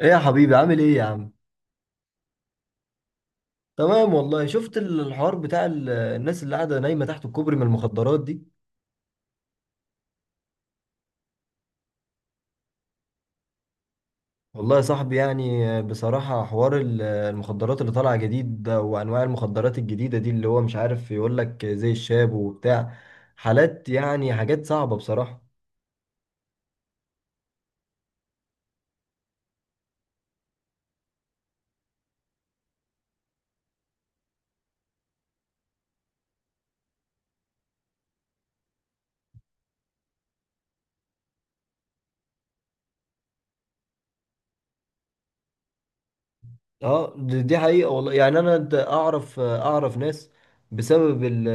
ايه يا حبيبي، عامل ايه يا عم؟ تمام والله. شفت الحوار بتاع الناس اللي قاعده نايمه تحت الكوبري من المخدرات دي. والله يا صاحبي، يعني بصراحه حوار المخدرات اللي طالعه جديد ده، وانواع المخدرات الجديده دي، اللي هو مش عارف يقول لك زي الشاب وبتاع. حالات يعني حاجات صعبه بصراحه. اه، دي حقيقة والله. يعني انا اعرف ناس بسبب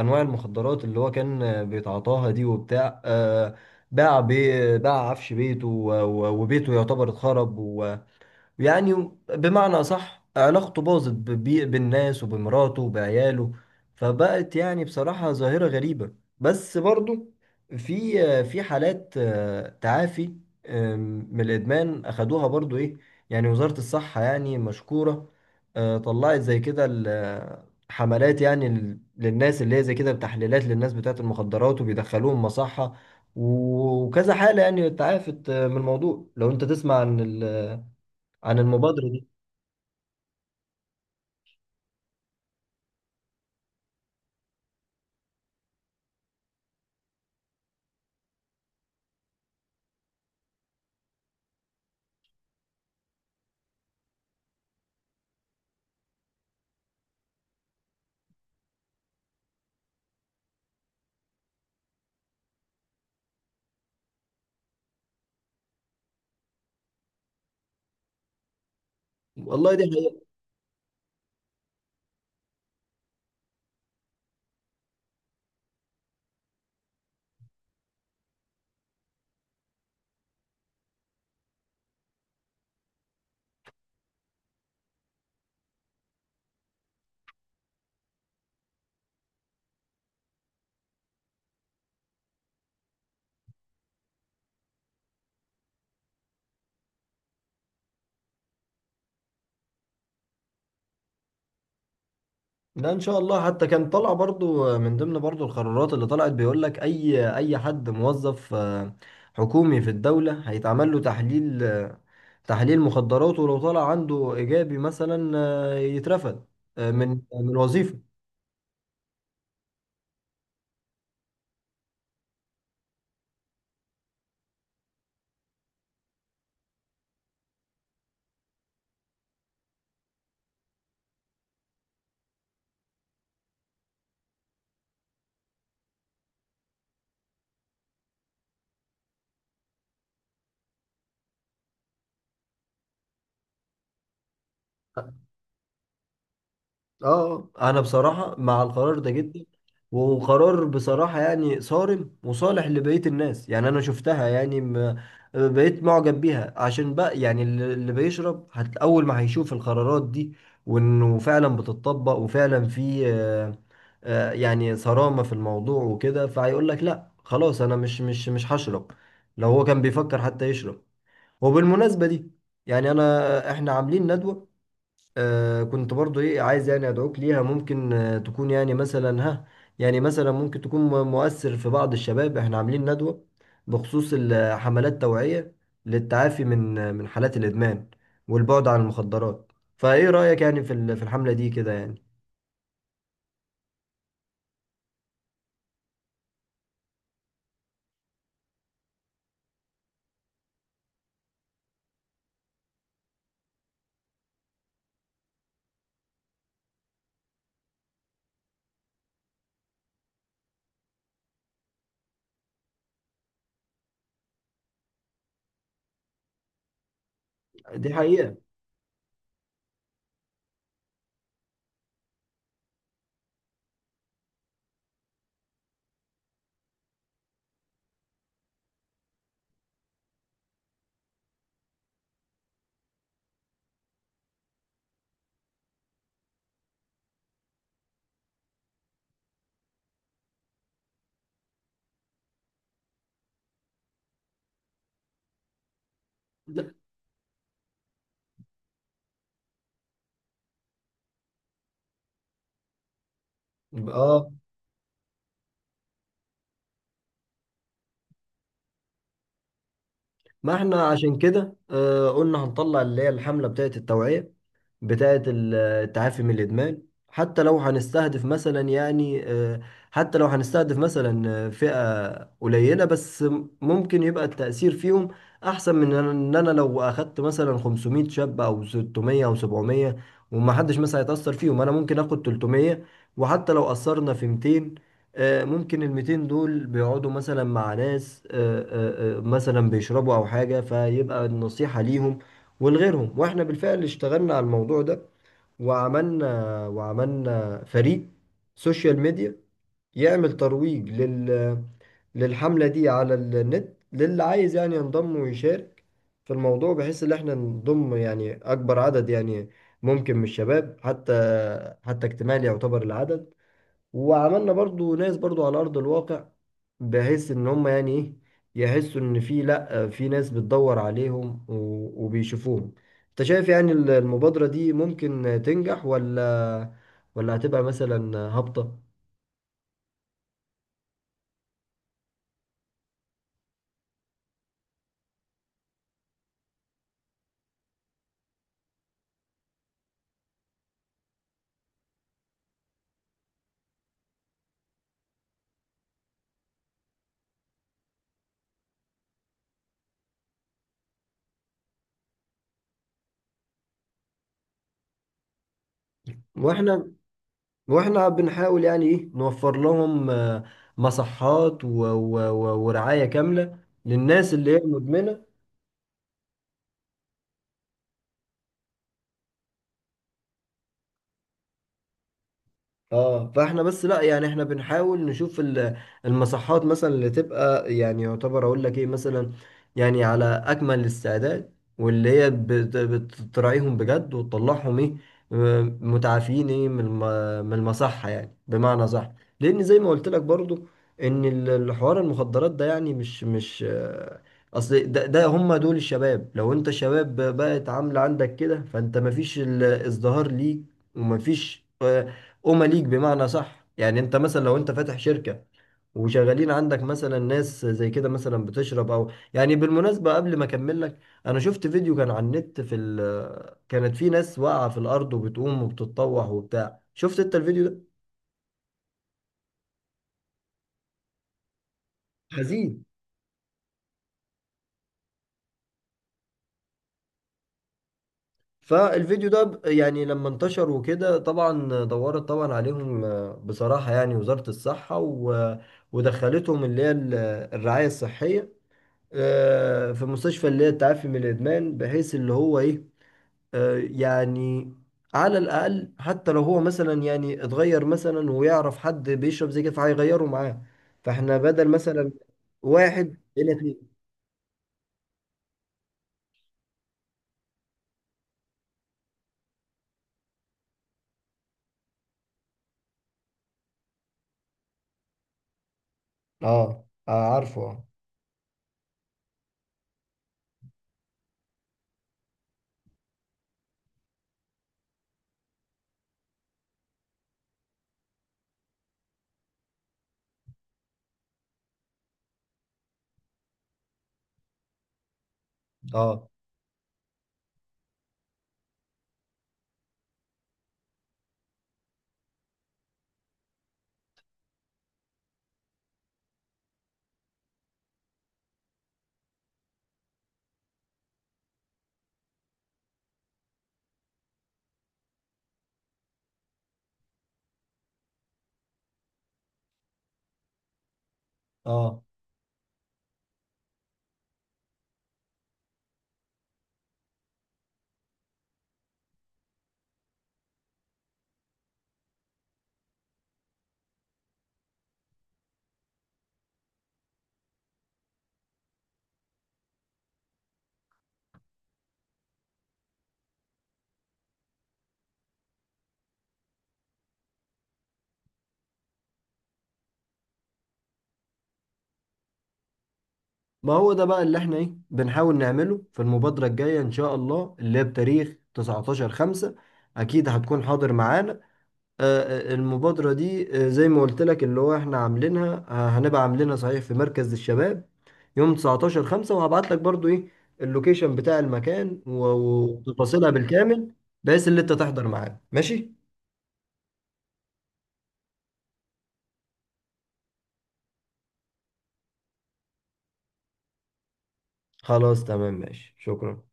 انواع المخدرات اللي هو كان بيتعاطاها دي وبتاع. باع عفش بيته وبيته يعتبر اتخرب. يعني بمعنى صح، علاقته باظت بالناس وبمراته وبعياله. فبقت يعني بصراحة ظاهرة غريبة. بس برضو في حالات تعافي من الإدمان أخدوها برضو، إيه. يعني وزارة الصحة يعني مشكورة. طلعت زي كده حملات يعني للناس اللي هي زي كده، بتحليلات للناس بتاعة المخدرات وبيدخلوهم مصحة. وكذا حالة يعني تعافت من الموضوع. لو أنت تسمع عن عن المبادرة دي. والله دي حقيقة. لا، ان شاء الله. حتى كان طالع برضو من ضمن برضو القرارات اللي طلعت، بيقول لك اي حد موظف حكومي في الدولة هيتعمل له تحليل، تحليل مخدرات، ولو طلع عنده ايجابي مثلا يترفد من وظيفة. اه، انا بصراحة مع القرار ده جدا. وقرار بصراحة يعني صارم وصالح لبقية الناس. يعني انا شفتها يعني، بقيت معجب بيها، عشان بقى يعني اللي بيشرب اول ما هيشوف القرارات دي، وانه فعلا بتطبق وفعلا في يعني صرامة في الموضوع وكده، فهيقول لك لا، خلاص، انا مش هشرب، لو هو كان بيفكر حتى يشرب. وبالمناسبة دي، يعني انا احنا عاملين ندوة. آه، كنت برضو ايه عايز يعني ادعوك ليها. ممكن آه تكون يعني مثلا، ها، يعني مثلا ممكن تكون مؤثر في بعض الشباب. احنا عاملين ندوة بخصوص حملات توعية للتعافي من حالات الادمان والبعد عن المخدرات. فايه رأيك، يعني في في الحملة دي كده يعني؟ دي حقيقة. لا. اه، ما احنا عشان كده آه قلنا هنطلع اللي هي الحملة بتاعت التوعية بتاعة التعافي من الإدمان. حتى لو هنستهدف مثلا يعني آه، حتى لو هنستهدف مثلا آه، فئة قليلة بس، ممكن يبقى التأثير فيهم أحسن من إن أنا لو أخدت مثلا 500 شاب أو 600 أو 700، وما حدش مثلا يتأثر فيهم. أنا ممكن آخد 300، وحتى لو أثرنا في 200، ممكن ال 200 دول بيقعدوا مثلا مع ناس مثلا بيشربوا أو حاجة، فيبقى النصيحة ليهم ولغيرهم. واحنا بالفعل اشتغلنا على الموضوع ده، وعملنا وعملنا فريق سوشيال ميديا يعمل ترويج للحملة دي على النت، للي عايز يعني ينضم ويشارك في الموضوع، بحيث ان احنا نضم يعني اكبر عدد يعني ممكن من الشباب، حتى اكتمال يعتبر العدد. وعملنا برضو ناس برضو على ارض الواقع، بحيث ان هم يعني ايه يحسوا ان في لا في ناس بتدور عليهم وبيشوفوهم. انت شايف يعني المبادرة دي ممكن تنجح ولا هتبقى مثلا هابطة؟ واحنا واحنا بنحاول يعني ايه نوفر لهم مصحات ورعاية كاملة للناس اللي هي مدمنة. اه، فاحنا بس لا، يعني احنا بنحاول نشوف المساحات مثلا اللي تبقى يعني يعتبر اقول لك ايه، مثلا يعني على اكمل الاستعداد، واللي هي بتراعيهم بجد وتطلعهم ايه متعافين، ايه، من من المصحة، يعني بمعنى صح. لان زي ما قلت لك برضو ان الحوار المخدرات ده يعني مش اصل ده هم دول الشباب. لو انت شباب بقت عاملة عندك كده، فانت مفيش الازدهار ليك ومفيش أمة ليك، بمعنى صح. يعني أنت مثلا، لو أنت فاتح شركة وشغالين عندك مثلا ناس زي كده مثلا بتشرب أو، يعني بالمناسبة، قبل ما أكمل لك، أنا شفت فيديو كان على النت، في ال كانت في ناس واقعة في الأرض وبتقوم وبتتطوح وبتاع. شفت أنت الفيديو ده؟ حزين. فالفيديو ده يعني لما انتشر وكده، طبعا دورت طبعا عليهم. بصراحة، يعني وزارة الصحة ودخلتهم اللي هي الرعاية الصحية في مستشفى اللي هي التعافي من الادمان، بحيث اللي هو ايه يعني على الاقل، حتى لو هو مثلا يعني اتغير مثلا ويعرف حد بيشرب زي كده، فهيغيره معاه. فاحنا بدل مثلا واحد الى اتنين. اه، عارفه، اه. اه، اه، ما هو ده بقى اللي احنا ايه بنحاول نعمله في المبادرة الجاية ان شاء الله، اللي هي بتاريخ 19 5. اكيد هتكون حاضر معانا. المبادرة دي زي ما قلت لك، اللي هو احنا عاملينها هنبقى عاملينها صحيح في مركز الشباب يوم 19 5. وهبعت لك برضو ايه اللوكيشن بتاع المكان وتفاصيلها بالكامل، بحيث اللي انت تحضر معانا. ماشي، خلاص. تمام. ماشي، شكرا.